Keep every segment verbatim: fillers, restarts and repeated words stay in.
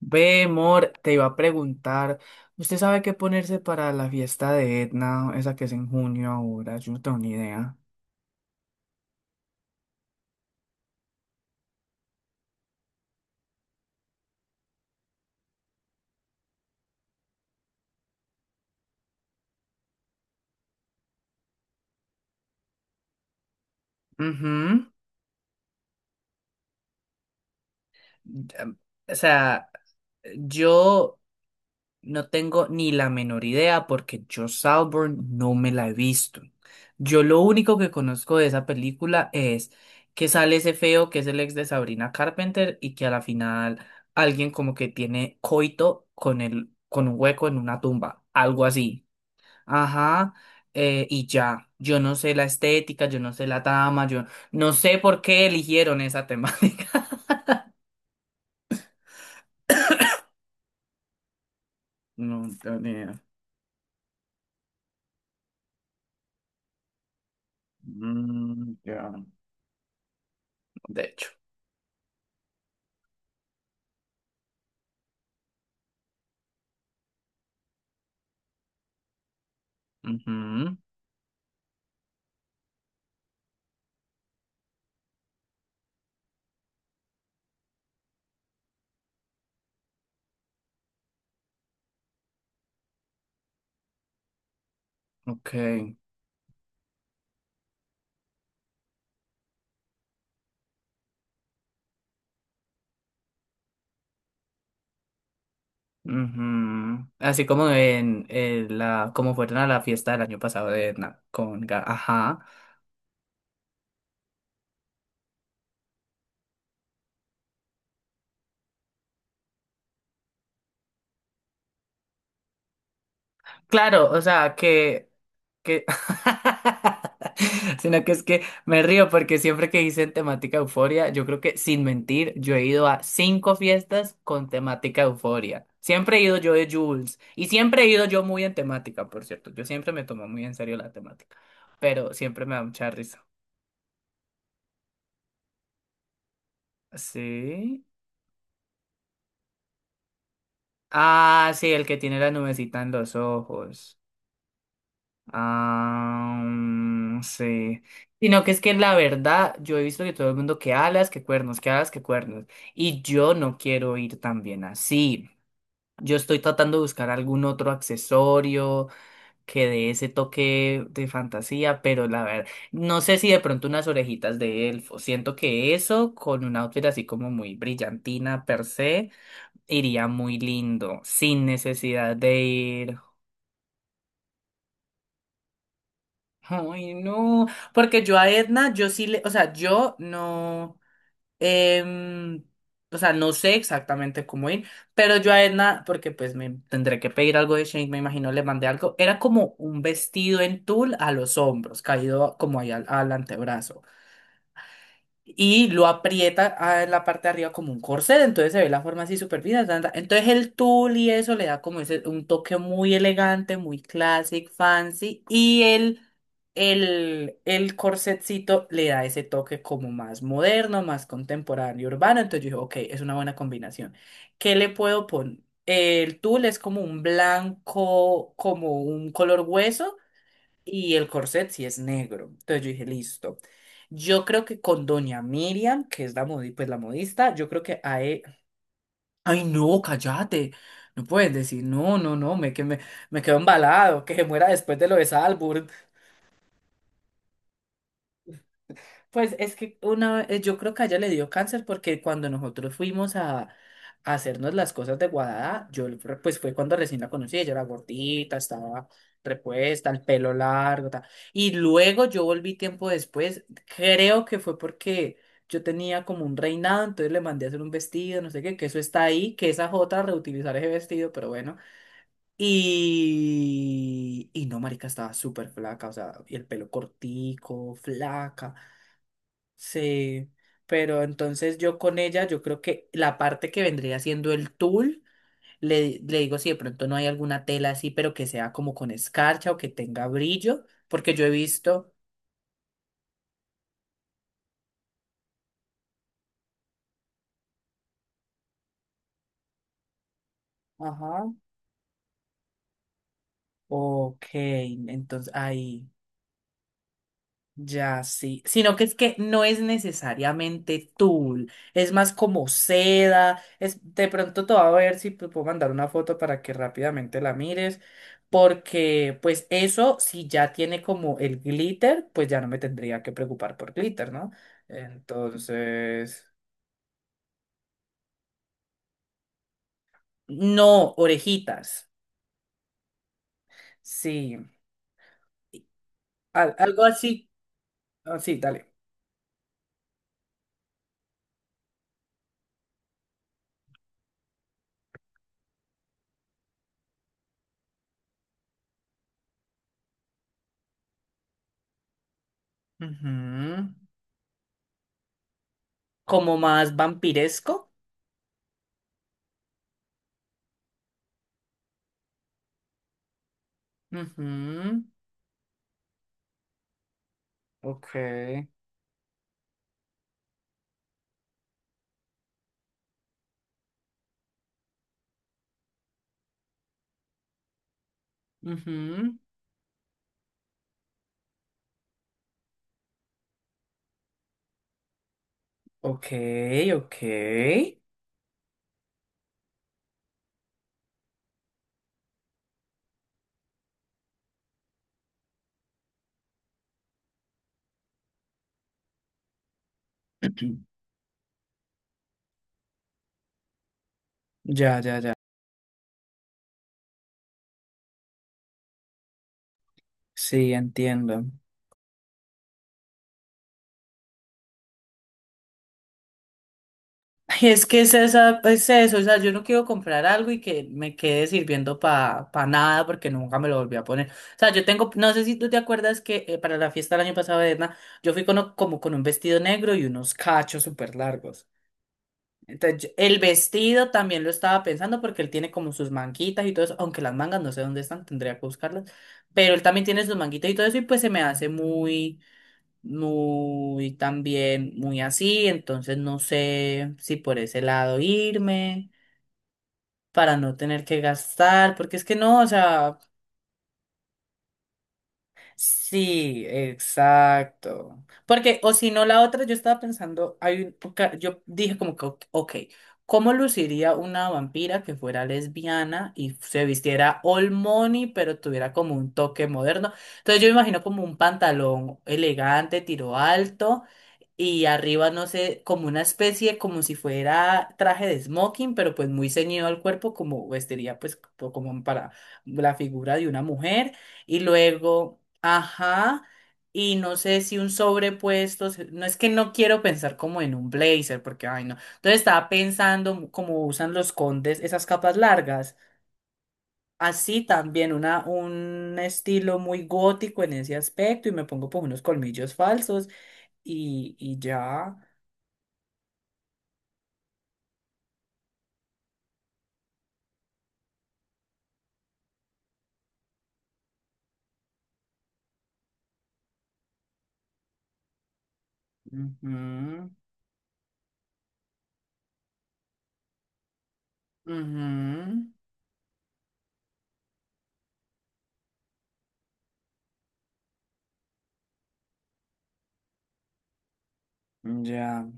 Ve, Mor, te iba a preguntar, ¿usted sabe qué ponerse para la fiesta de Etna, esa que es en junio ahora? Yo no tengo ni idea. Ujú. Am- O sea, yo no tengo ni la menor idea porque yo Salborn no me la he visto. Yo lo único que conozco de esa película es que sale ese feo que es el ex de Sabrina Carpenter y que a la final alguien como que tiene coito con el, con un hueco en una tumba, algo así. Ajá, eh, y ya, yo no sé la estética, yo no sé la trama, yo no sé por qué eligieron esa temática. No tengo ni idea. Mm, ya. De hecho. Ujú. Ok. Ujú. Así como en, eh, la, como fueron a la fiesta del año pasado de Na- con Ga- Ajá. Claro, o sea que que sino que es que me río porque siempre que dicen temática euforia, yo creo que sin mentir, yo he ido a cinco fiestas con temática euforia. Siempre he ido yo de Jules y siempre he ido yo muy en temática, por cierto. Yo siempre me tomo muy en serio la temática, pero siempre me da mucha risa. Sí. Ah, sí, el que tiene la nubecita en los ojos. Ah, mm, sí. Sino que es que la verdad, yo he visto que todo el mundo que alas, que cuernos, que alas, que cuernos. Y yo no quiero ir tan bien así. Yo estoy tratando de buscar algún otro accesorio que dé ese toque de fantasía, pero la verdad, no sé si de pronto unas orejitas de elfo. Siento que eso, con un outfit así como muy brillantina per se, iría muy lindo, sin necesidad de ir. Ay, no, porque yo a Edna, yo sí le, o sea, yo no, em, o sea, no sé exactamente cómo ir, pero yo a Edna, porque pues me tendré que pedir algo de Shane, me imagino le mandé algo, era como un vestido en tul a los hombros, caído como ahí al, al antebrazo y lo aprieta a en la parte de arriba como un corset, entonces se ve la forma así súper fina. Tan, tan. Entonces el tul y eso le da como ese, un toque muy elegante, muy classic, fancy, y el, el, el corsetcito le da ese toque como más moderno, más contemporáneo, urbano, entonces yo dije, ok, es una buena combinación. ¿Qué le puedo poner? El tul es como un blanco, como un color hueso y el corset sí es negro. Entonces yo dije, listo. Yo creo que con Doña Miriam, que es la modi- pues la modista, yo creo que a e- Ay, no, cállate. No puedes decir, no, no, no, me, que me, me quedo embalado, que se muera después de lo de Salburn. Pues es que una, eh, yo creo que a ella le dio cáncer porque cuando nosotros fuimos a, a hacernos las cosas de Guadalajara, yo le- pues fue cuando recién la conocí, ella era gordita, estaba repuesta, el pelo largo, tal. Y luego yo volví tiempo después, creo que fue porque yo tenía como un reinado, entonces le mandé a hacer un vestido, no sé qué, que eso está ahí, que esa jota reutilizar ese vestido, pero bueno. Y, y no, marica, estaba súper flaca, o sea, y el pelo cortico, flaca. Sí, pero entonces yo con ella, yo creo que la parte que vendría siendo el tul, le, le digo si de pronto no hay alguna tela así, pero que sea como con escarcha o que tenga brillo, porque yo he visto. Ajá. Ok, entonces ahí. Ya, sí. Sino que es que no es necesariamente tul, es más como seda. Es, de pronto te voy a ver si te puedo mandar una foto para que rápidamente la mires. Porque, pues, eso, si ya tiene como el glitter, pues ya no me tendría que preocupar por glitter, ¿no? Entonces. No, orejitas. Sí. Al- algo así. Así, dale. Ujú. Como más vampiresco. Ujú. Ok. Ujú. Ok, ok. Ya, ya, ya. Sí, entiendo. Ay, es que es esa, es eso, o sea, yo no quiero comprar algo y que me quede sirviendo para nada porque nunca me lo volví a poner. O sea, yo tengo, no sé si tú te acuerdas que eh, para la fiesta del año pasado de Edna, yo fui con, o- como con un vestido negro y unos cachos súper largos. Entonces, yo- el vestido también lo estaba pensando porque él tiene como sus manguitas y todo eso, aunque las mangas no sé dónde están, tendría que buscarlas, pero él también tiene sus manguitas y todo eso y pues se me hace muy, muy también, muy así, entonces no sé si por ese lado irme para no tener que gastar, porque es que no, o sea... Sí, exacto. Porque, o si no, la otra, yo estaba pensando, hay un- porque yo dije como que, ok, ok, ¿cómo luciría una vampira que fuera lesbiana y se vistiera all money, pero tuviera como un toque moderno? Entonces yo me imagino como un pantalón elegante, tiro alto, y arriba, no sé, como una especie, como si fuera traje de smoking, pero pues muy ceñido al cuerpo, como vestiría pues co- como para la figura de una mujer. Y luego, ajá, y no sé si un sobrepuesto, se- no es que no quiero pensar como en un blazer, porque, ay, no. Entonces estaba pensando como usan los condes esas capas largas. Así también una, un estilo muy gótico en ese aspecto y me pongo pues unos colmillos falsos y, y ya. Ujú, ujú. Ya,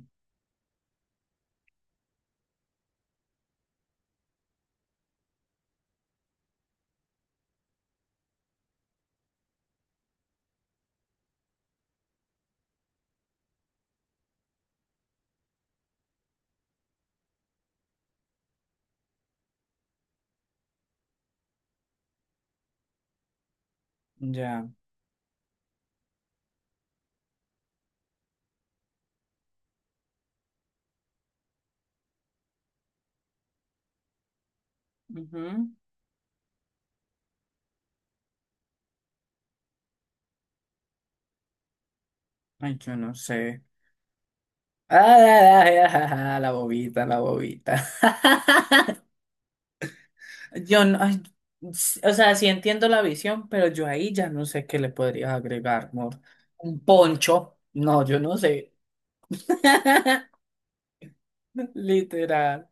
ya. Ujú. Ay, yo no sé. Ay, ay, ay, ay, ay, la bobita, la bobita. Yo no, ay, s- o sea, sí entiendo la visión, pero yo ahí ya no sé qué le podrías agregar, amor. Un poncho. No, yo no sé. Literal.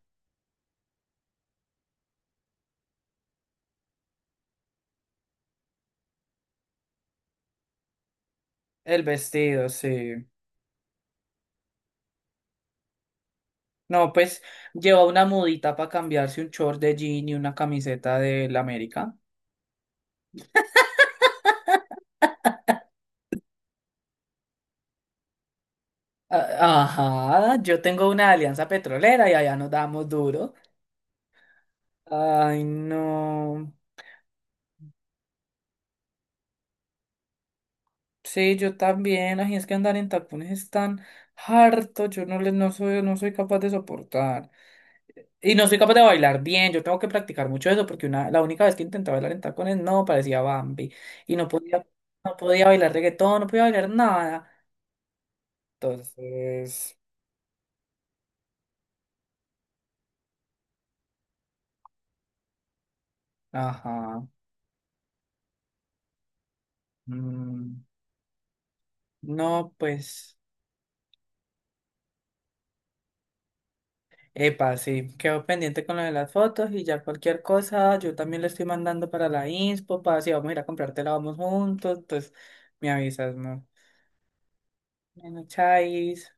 El vestido, sí. No, pues lleva una mudita para cambiarse un short de jean y una camiseta del América. Ah, ajá, yo tengo una alianza petrolera y allá nos damos duro. Ay, no. Sí, yo también. Ay, es que andar en tapones es tan harto. Yo no les, no soy, no soy capaz de soportar. Y no soy capaz de bailar bien. Yo tengo que practicar mucho eso porque una, la única vez que intenté bailar en tacones no parecía Bambi. Y no podía, no podía bailar reggaetón, no podía bailar nada. Entonces, ajá. Mm, no, pues. Epa, sí, quedo pendiente con lo de las fotos y ya cualquier cosa, yo también le estoy mandando para la inspo, para si vamos a ir a comprártela, vamos juntos, entonces me avisas, ¿no? Bueno, chais.